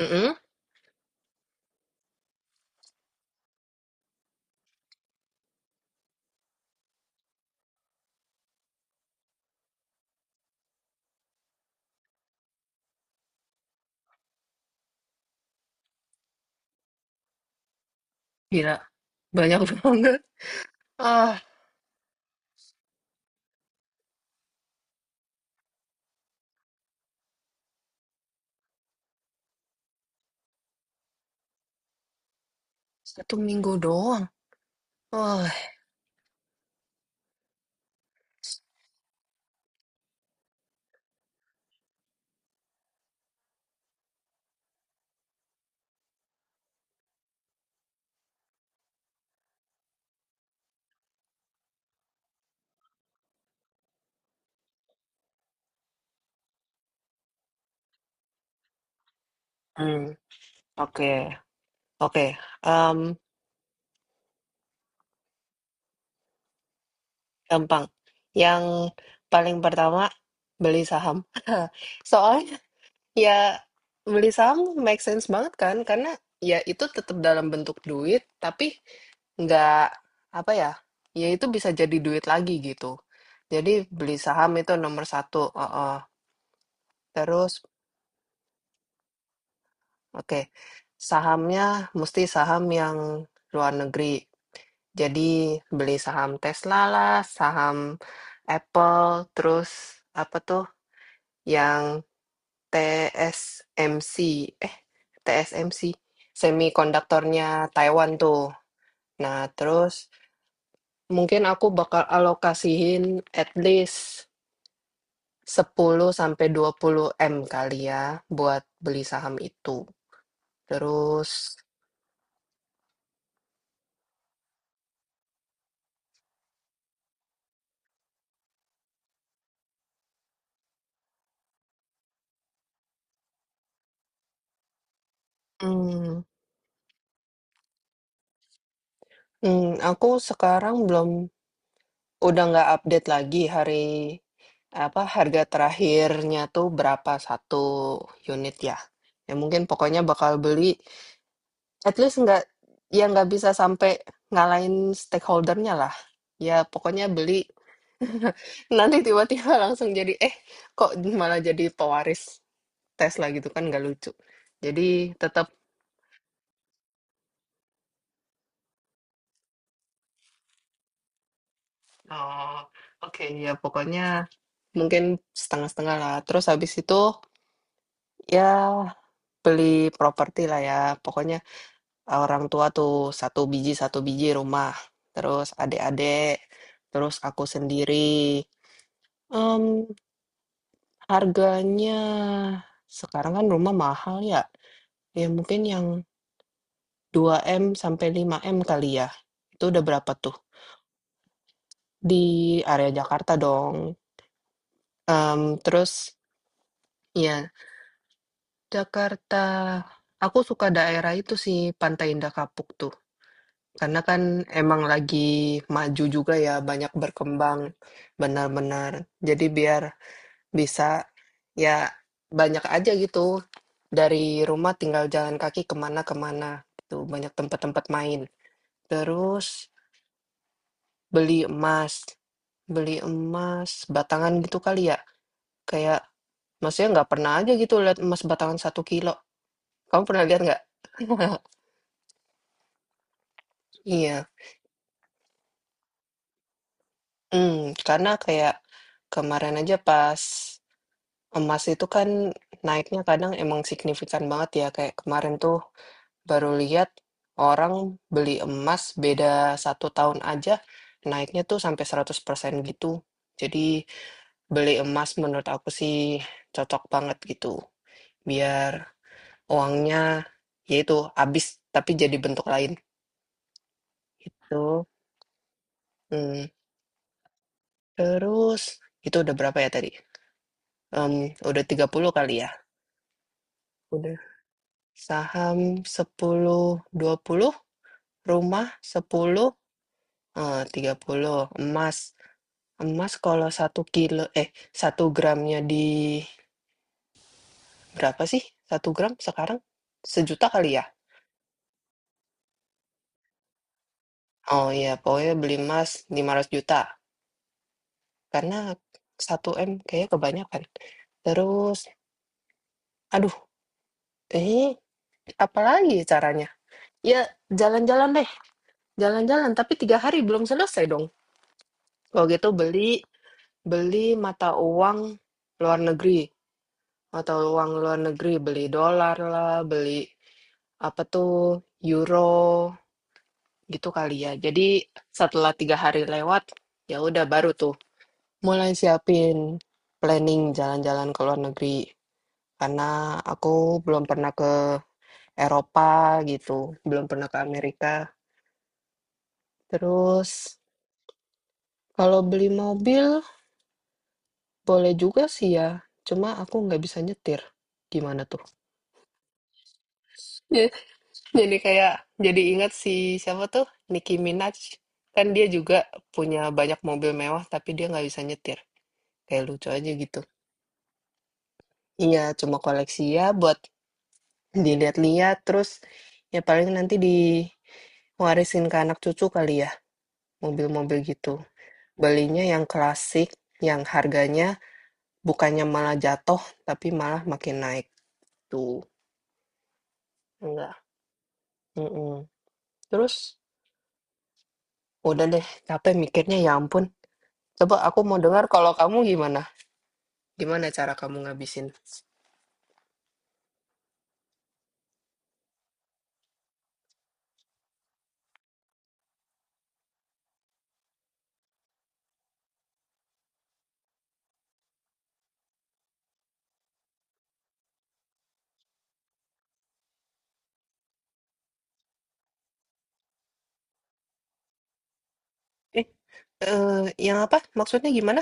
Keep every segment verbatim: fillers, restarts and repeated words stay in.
Mhm, gila. Banyak banget. Ah, satu minggu doang. Wah. Hmm, oke, oke. Em, Gampang. Yang paling pertama beli saham. Soalnya ya beli saham make sense banget kan, karena ya itu tetap dalam bentuk duit, tapi nggak apa ya, ya itu bisa jadi duit lagi gitu. Jadi beli saham itu nomor satu. Uh-uh. Terus, Oke, sahamnya mesti saham yang luar negeri. Jadi beli saham Tesla lah, saham Apple, terus apa tuh yang T S M C, eh, T S M C, semikonduktornya Taiwan tuh. Nah, terus mungkin aku bakal alokasiin at least sepuluh sampai dua puluh M kali ya buat beli saham itu. Terus, hmm, Mmm, aku sekarang belum udah nggak update lagi hari apa, harga terakhirnya tuh berapa satu unit ya. Ya mungkin pokoknya bakal beli at least nggak ya nggak bisa sampai ngalahin stakeholder-nya lah. Ya pokoknya beli, nanti tiba-tiba langsung jadi, eh, kok malah jadi pewaris Tesla gitu kan nggak lucu. Jadi tetap, eee, oke ya pokoknya mungkin setengah-setengah lah. Terus habis itu ya Beli properti lah ya, pokoknya ah, orang tua tuh satu biji satu biji rumah, terus adik-adik, terus aku sendiri. Mmm, Harganya sekarang kan rumah mahal ya, ya mungkin yang dua m sampai lima m kali ya, itu udah berapa tuh? Di area Jakarta dong, mmm, terus ya Jakarta, aku suka daerah itu sih, Pantai Indah Kapuk tuh. Karena kan emang lagi maju juga ya, banyak berkembang benar-benar. Jadi biar bisa ya banyak aja gitu. Dari rumah tinggal jalan kaki kemana-kemana. Tuh banyak tempat-tempat main. Terus beli emas. Beli emas batangan gitu kali ya. Kayak maksudnya nggak pernah aja gitu lihat emas batangan satu kilo. Kamu pernah lihat nggak? Iya. Hmm, karena kayak kemarin aja pas Emas itu kan naiknya kadang emang signifikan banget ya, kayak kemarin tuh baru lihat orang beli emas beda satu tahun aja naiknya tuh sampai seratus persen gitu. Jadi beli emas menurut aku sih cocok banget gitu, biar uangnya yaitu habis tapi jadi bentuk lain gitu. Mmm, Terus itu udah berapa ya tadi? Mmm, udah tiga puluh kali ya? Udah. Saham sepuluh dua puluh, rumah sepuluh, eh, tiga puluh emas. Emas kalau satu kilo eh, satu gramnya di berapa sih? Satu gram sekarang sejuta kali ya? Oh iya, pokoknya beli emas lima ratus juta karena satu m kayaknya kebanyakan. Terus aduh, eh, apa lagi caranya? Ya jalan-jalan deh, jalan-jalan tapi tiga hari belum selesai dong. Kalau gitu beli beli mata uang luar negeri atau uang luar negeri beli dolar lah, beli apa tuh euro gitu kali ya. Jadi setelah tiga hari lewat ya udah baru tuh mulai siapin planning jalan-jalan ke luar negeri karena aku belum pernah ke Eropa gitu, belum pernah ke Amerika. Terus kalau beli mobil boleh juga sih ya, cuma aku nggak bisa nyetir. Gimana tuh? Ya Jadi kayak jadi ingat si siapa tuh Nicki Minaj kan dia juga punya banyak mobil mewah tapi dia nggak bisa nyetir, kayak lucu aja gitu. Iya, cuma koleksi ya buat dilihat-lihat terus, ya paling nanti diwarisin ke anak cucu kali ya mobil-mobil gitu. Belinya yang klasik, yang harganya bukannya malah jatuh tapi malah makin naik tuh enggak. mm Terus udah deh capek mikirnya ya ampun, coba aku mau dengar kalau kamu gimana. Gimana cara kamu ngabisin? Eh, eee, yang apa? Maksudnya gimana?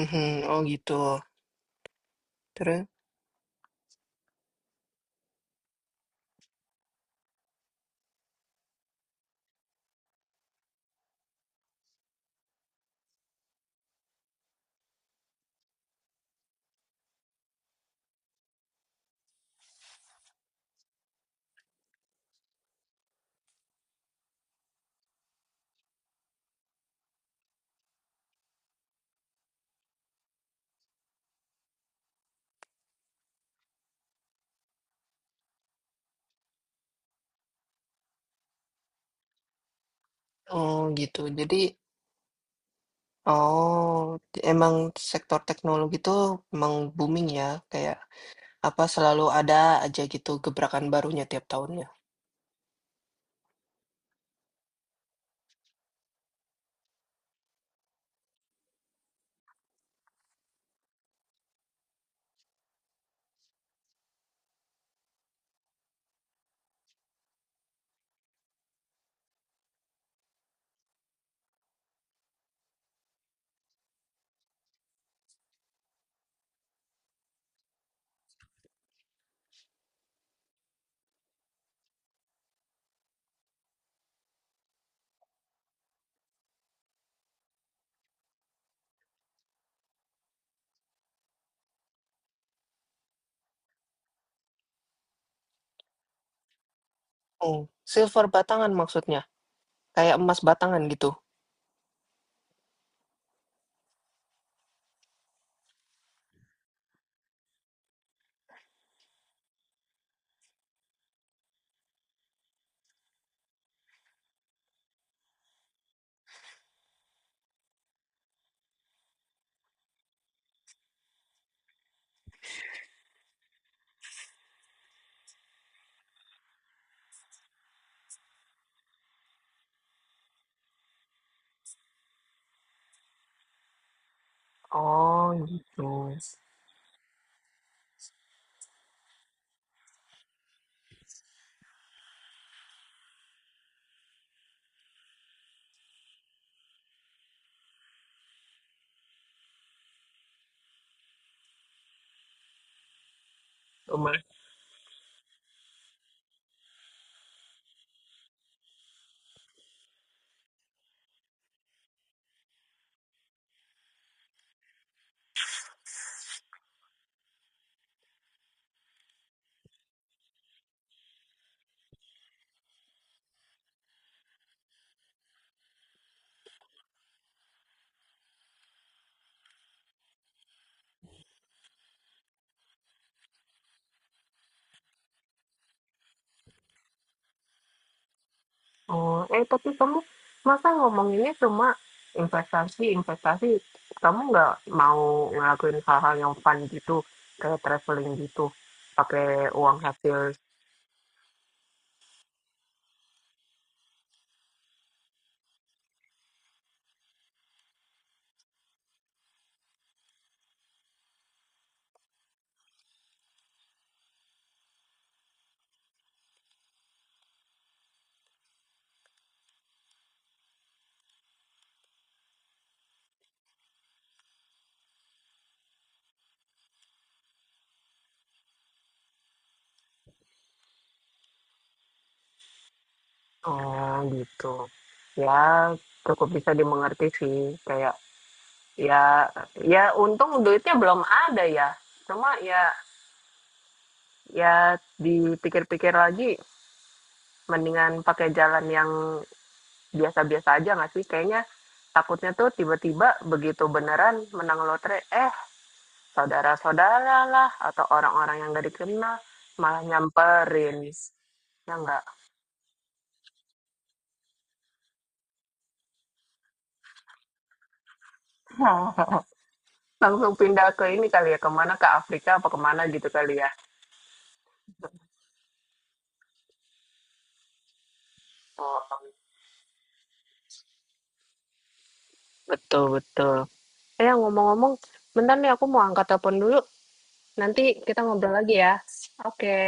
Mhm, oh gitu. Terus oh gitu. Jadi oh, emang sektor teknologi itu emang booming ya, kayak apa, selalu ada aja gitu gebrakan barunya tiap tahunnya. Oh, silver batangan maksudnya? Kayak emas batangan gitu? Oh gitu. Oh, eh, tapi kamu masa ngomonginnya cuma investasi, investasi. Kamu nggak mau ngelakuin hal-hal yang fun gitu, kayak traveling gitu, pakai uang hasil. Oh, gitu. Ya cukup bisa dimengerti sih, kayak ya, ya untung duitnya belum ada ya. Cuma ya, ya dipikir-pikir lagi, mendingan pakai jalan yang Biasa-biasa aja nggak sih? Kayaknya takutnya tuh tiba-tiba begitu beneran menang lotre, eh, saudara-saudara lah atau orang-orang yang nggak dikenal malah nyamperin. Ya nggak? Langsung pindah ke ini kali ya, kemana ke Afrika apa kemana gitu kali ya. Oh, betul, betul. Eh, ngomong-ngomong, bentar nih aku mau angkat telepon dulu. Nanti kita ngobrol lagi ya. Oke.